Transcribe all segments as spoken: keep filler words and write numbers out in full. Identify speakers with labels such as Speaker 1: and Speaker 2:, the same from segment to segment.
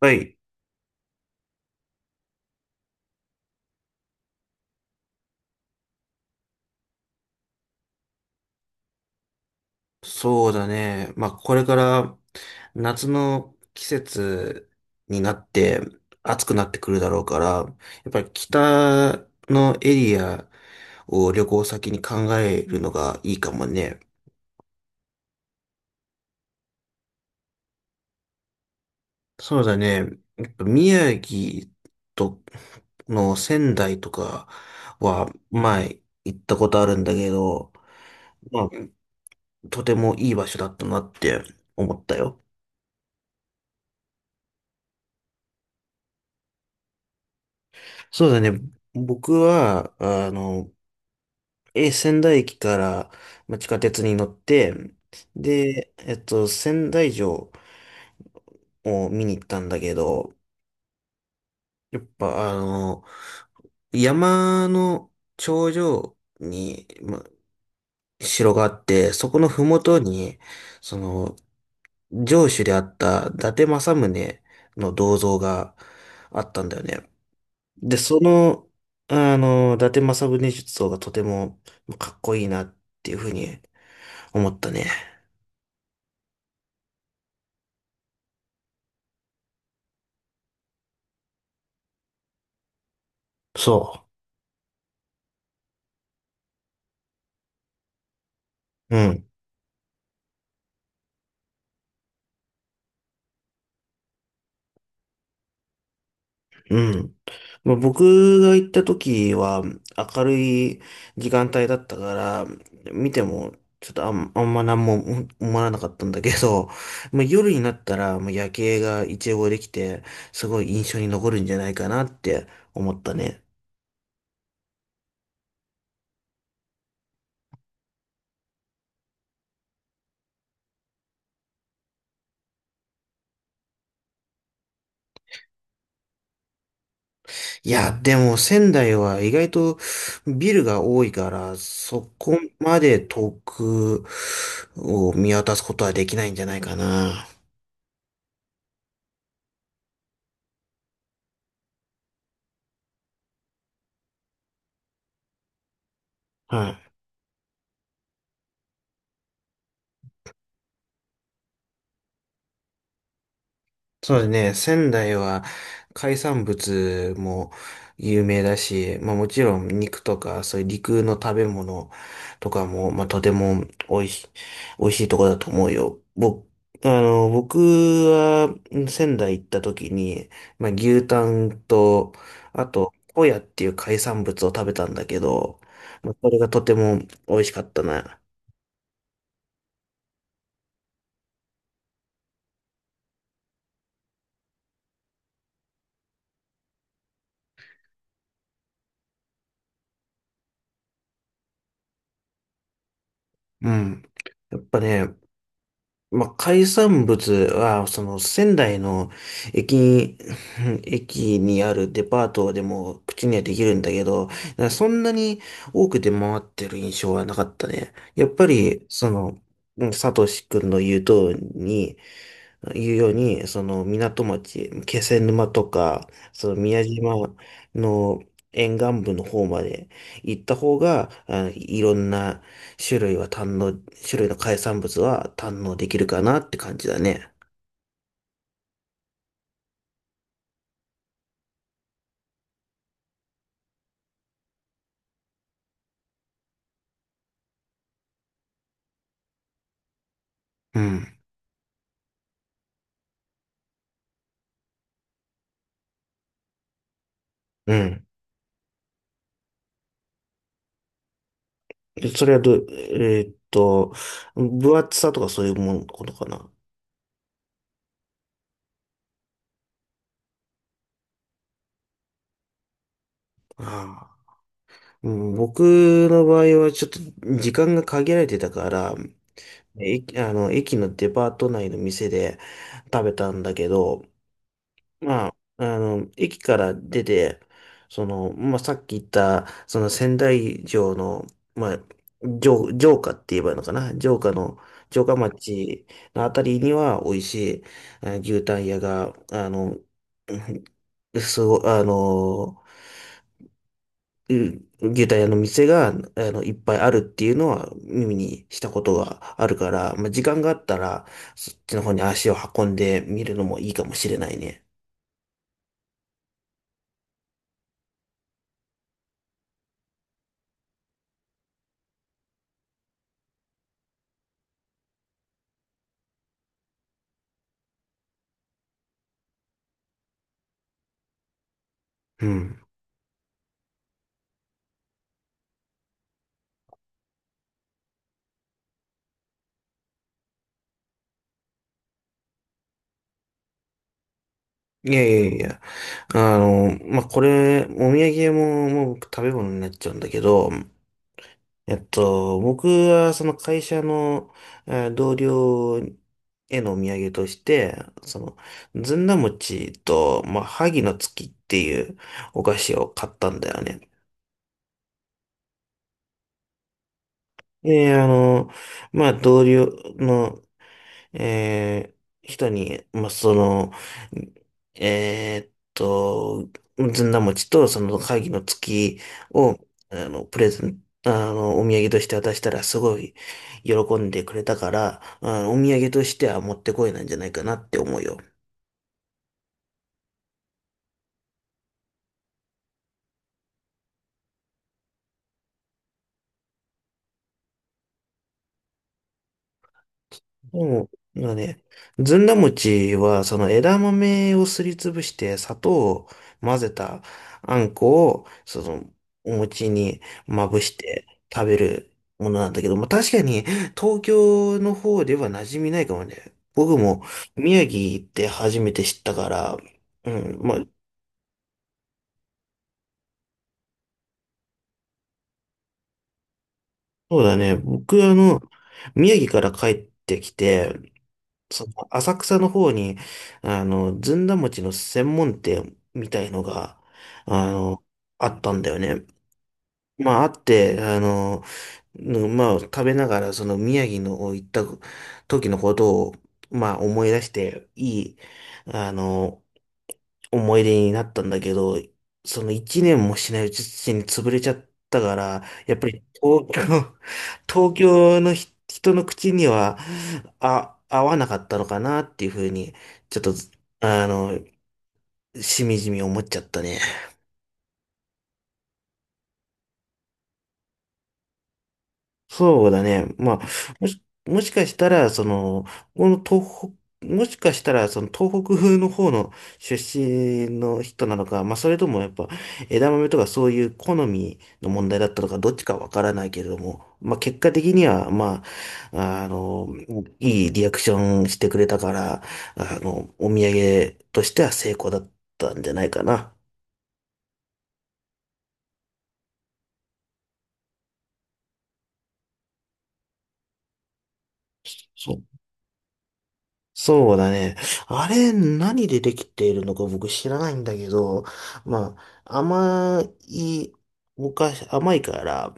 Speaker 1: はい。そうだね。まあ、これから夏の季節になって暑くなってくるだろうから、やっぱり北のエリアを旅行先に考えるのがいいかもね。そうだね。やっぱ宮城との仙台とかは前行ったことあるんだけど、まあ、とてもいい場所だったなって思ったよ。そうだね。僕は、あの、え、仙台駅から、まあ、地下鉄に乗って、で、えっと、仙台城を見に行ったんだけど、やっぱあの、山の頂上に、まあ、城があって、そこの麓に、その、城主であった伊達政宗の銅像があったんだよね。で、その、あの、伊達政宗像がとてもかっこいいなっていうふうに思ったね。そう。うん、うん。まあ、僕が行った時は明るい時間帯だったから、見てもちょっとあん、あんま何もう思わなかったんだけど、まあ、夜になったらもう夜景が一望できて、すごい印象に残るんじゃないかなって思ったね。いや、でも仙台は意外とビルが多いから、そこまで遠くを見渡すことはできないんじゃないかな。はい。そうですね。仙台は海産物も有名だし、まあもちろん肉とかそういう陸の食べ物とかも、まあとても美味しい、美味しいとこだと思うよ。僕、あの、僕は仙台行った時に、まあ牛タンと、あと、ホヤっていう海産物を食べたんだけど、まあ、これがとても美味しかったな。うん。やっぱね、まあ、海産物は、その仙台の駅に、駅にあるデパートでも口にはできるんだけど、そんなに多く出回ってる印象はなかったね。やっぱり、その、うんサトシ君の言う通りに、いうように、その港町、気仙沼とか、その宮島の沿岸部の方まで行った方が、あいろんな種類は堪能、種類の海産物は堪能できるかなって感じだね。うん。うん。でそれはどう、えーっと、分厚さとかそういうものことかな。ああ。うん僕の場合はちょっと時間が限られてたから、ね駅、あの、駅のデパート内の店で食べたんだけど、まあ、あの、駅から出て、その、まあ、さっき言った、その仙台城の、まあ、城、城下って言えばいいのかな城下の、城下町のあたりには美味しい、あ牛タン屋が、あの、うんすご、あの、うん牛タン屋の店が、あの、いっぱいあるっていうのは耳にしたことがあるから、まあ、時間があったら、そっちの方に足を運んでみるのもいいかもしれないね。うん。いやいやいや、あの、まあ、これ、お土産屋も、もう僕食べ物になっちゃうんだけど、えっと、僕はその会社の、えー同僚へのお土産として、その、ずんだ餅と、まあ、萩の月っていうお菓子を買ったんだよね。で、あの、まあ、同僚の、えー人に、まあ、その、えーっと、ずんだ餅と、その、会議の月を、あの、プレゼン、あの、お土産として渡したら、すごい喜んでくれたから、あのお土産としては持ってこいなんじゃないかなって思うよ。もう、なんかね、ずんだ餅は、その枝豆をすりつぶして、砂糖を混ぜたあんこを、その、お餅にまぶして食べるものなんだけど、まあ、確かに、東京の方では馴染みないかもね。僕も、宮城行って初めて知ったから、うん、まあ、そうだね。僕、あの、宮城から帰ってきて、その浅草の方に、あの、ずんだ餅の専門店みたいのが、あの、あったんだよね。まあ、あって、あの、うんまあ、食べながら、その宮城の行った時のことを、まあ、思い出して、いい、あの、思い出になったんだけど、その一年もしないうちに潰れちゃったから、やっぱり東京、東京のひ人の口には、あ、合わなかったのかなっていうふうに、ちょっと、あの、しみじみ思っちゃったね。そうだね。まあ、もし、もしかしたら、その、この東北、もしかしたら、その東北風の方の出身の人なのか、まあ、それともやっぱ枝豆とかそういう好みの問題だったのか、どっちかわからないけれども、まあ、結果的には、まあ、あの、いいリアクションしてくれたから、あの、お土産としては成功だったんじゃないかな。そう。そうだね。あれ、何でできているのか僕知らないんだけど、まあ、甘い、お菓子、甘いから、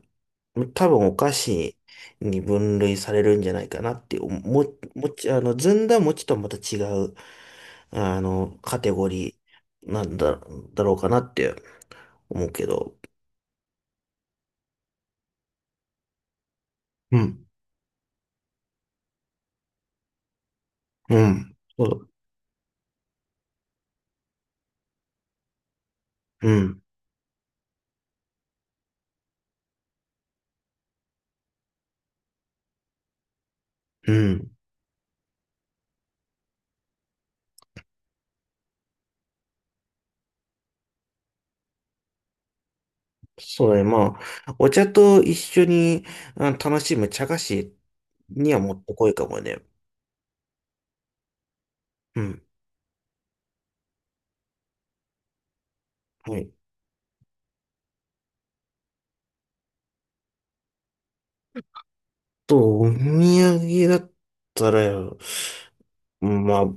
Speaker 1: 多分お菓子に分類されるんじゃないかなって、おも、もち、あの、ずんだ餅とはまた違う、あの、カテゴリーなんだ、だろうかなって思うけど。うん。うん。そう。うん。うん。そうね、まあ、お茶と一緒にあ楽しむ茶菓子にはもってこいかもね。うん。はい。と、お土産だったら、まあ、ま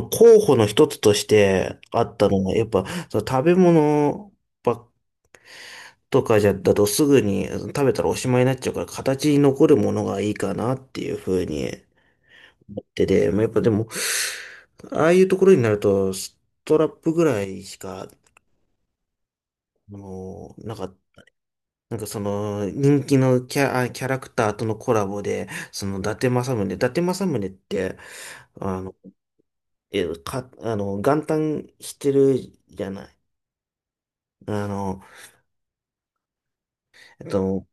Speaker 1: あ、候補の一つとしてあったのが、やっぱ、その食べ物ばっとかじゃ、だとすぐに食べたらおしまいになっちゃうから、形に残るものがいいかなっていうふうに思ってて、まあ、やっぱでも、ああいうところになると、ストラップぐらいしかあのなんか、なんかその、人気のキャ、あキャラクターとのコラボで、その、伊達政宗、伊達政宗って、あの、え、か、あの、元旦してるじゃない。あの、えっと、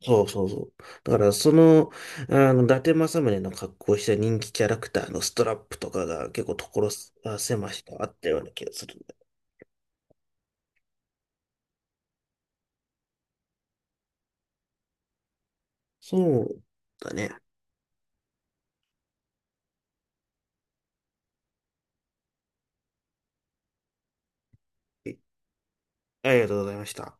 Speaker 1: そうそうそう。だから、その、あの、伊達政宗の格好をした人気キャラクターのストラップとかが結構所狭しとあったような気がするんだ。そうだね。ありがとうございました。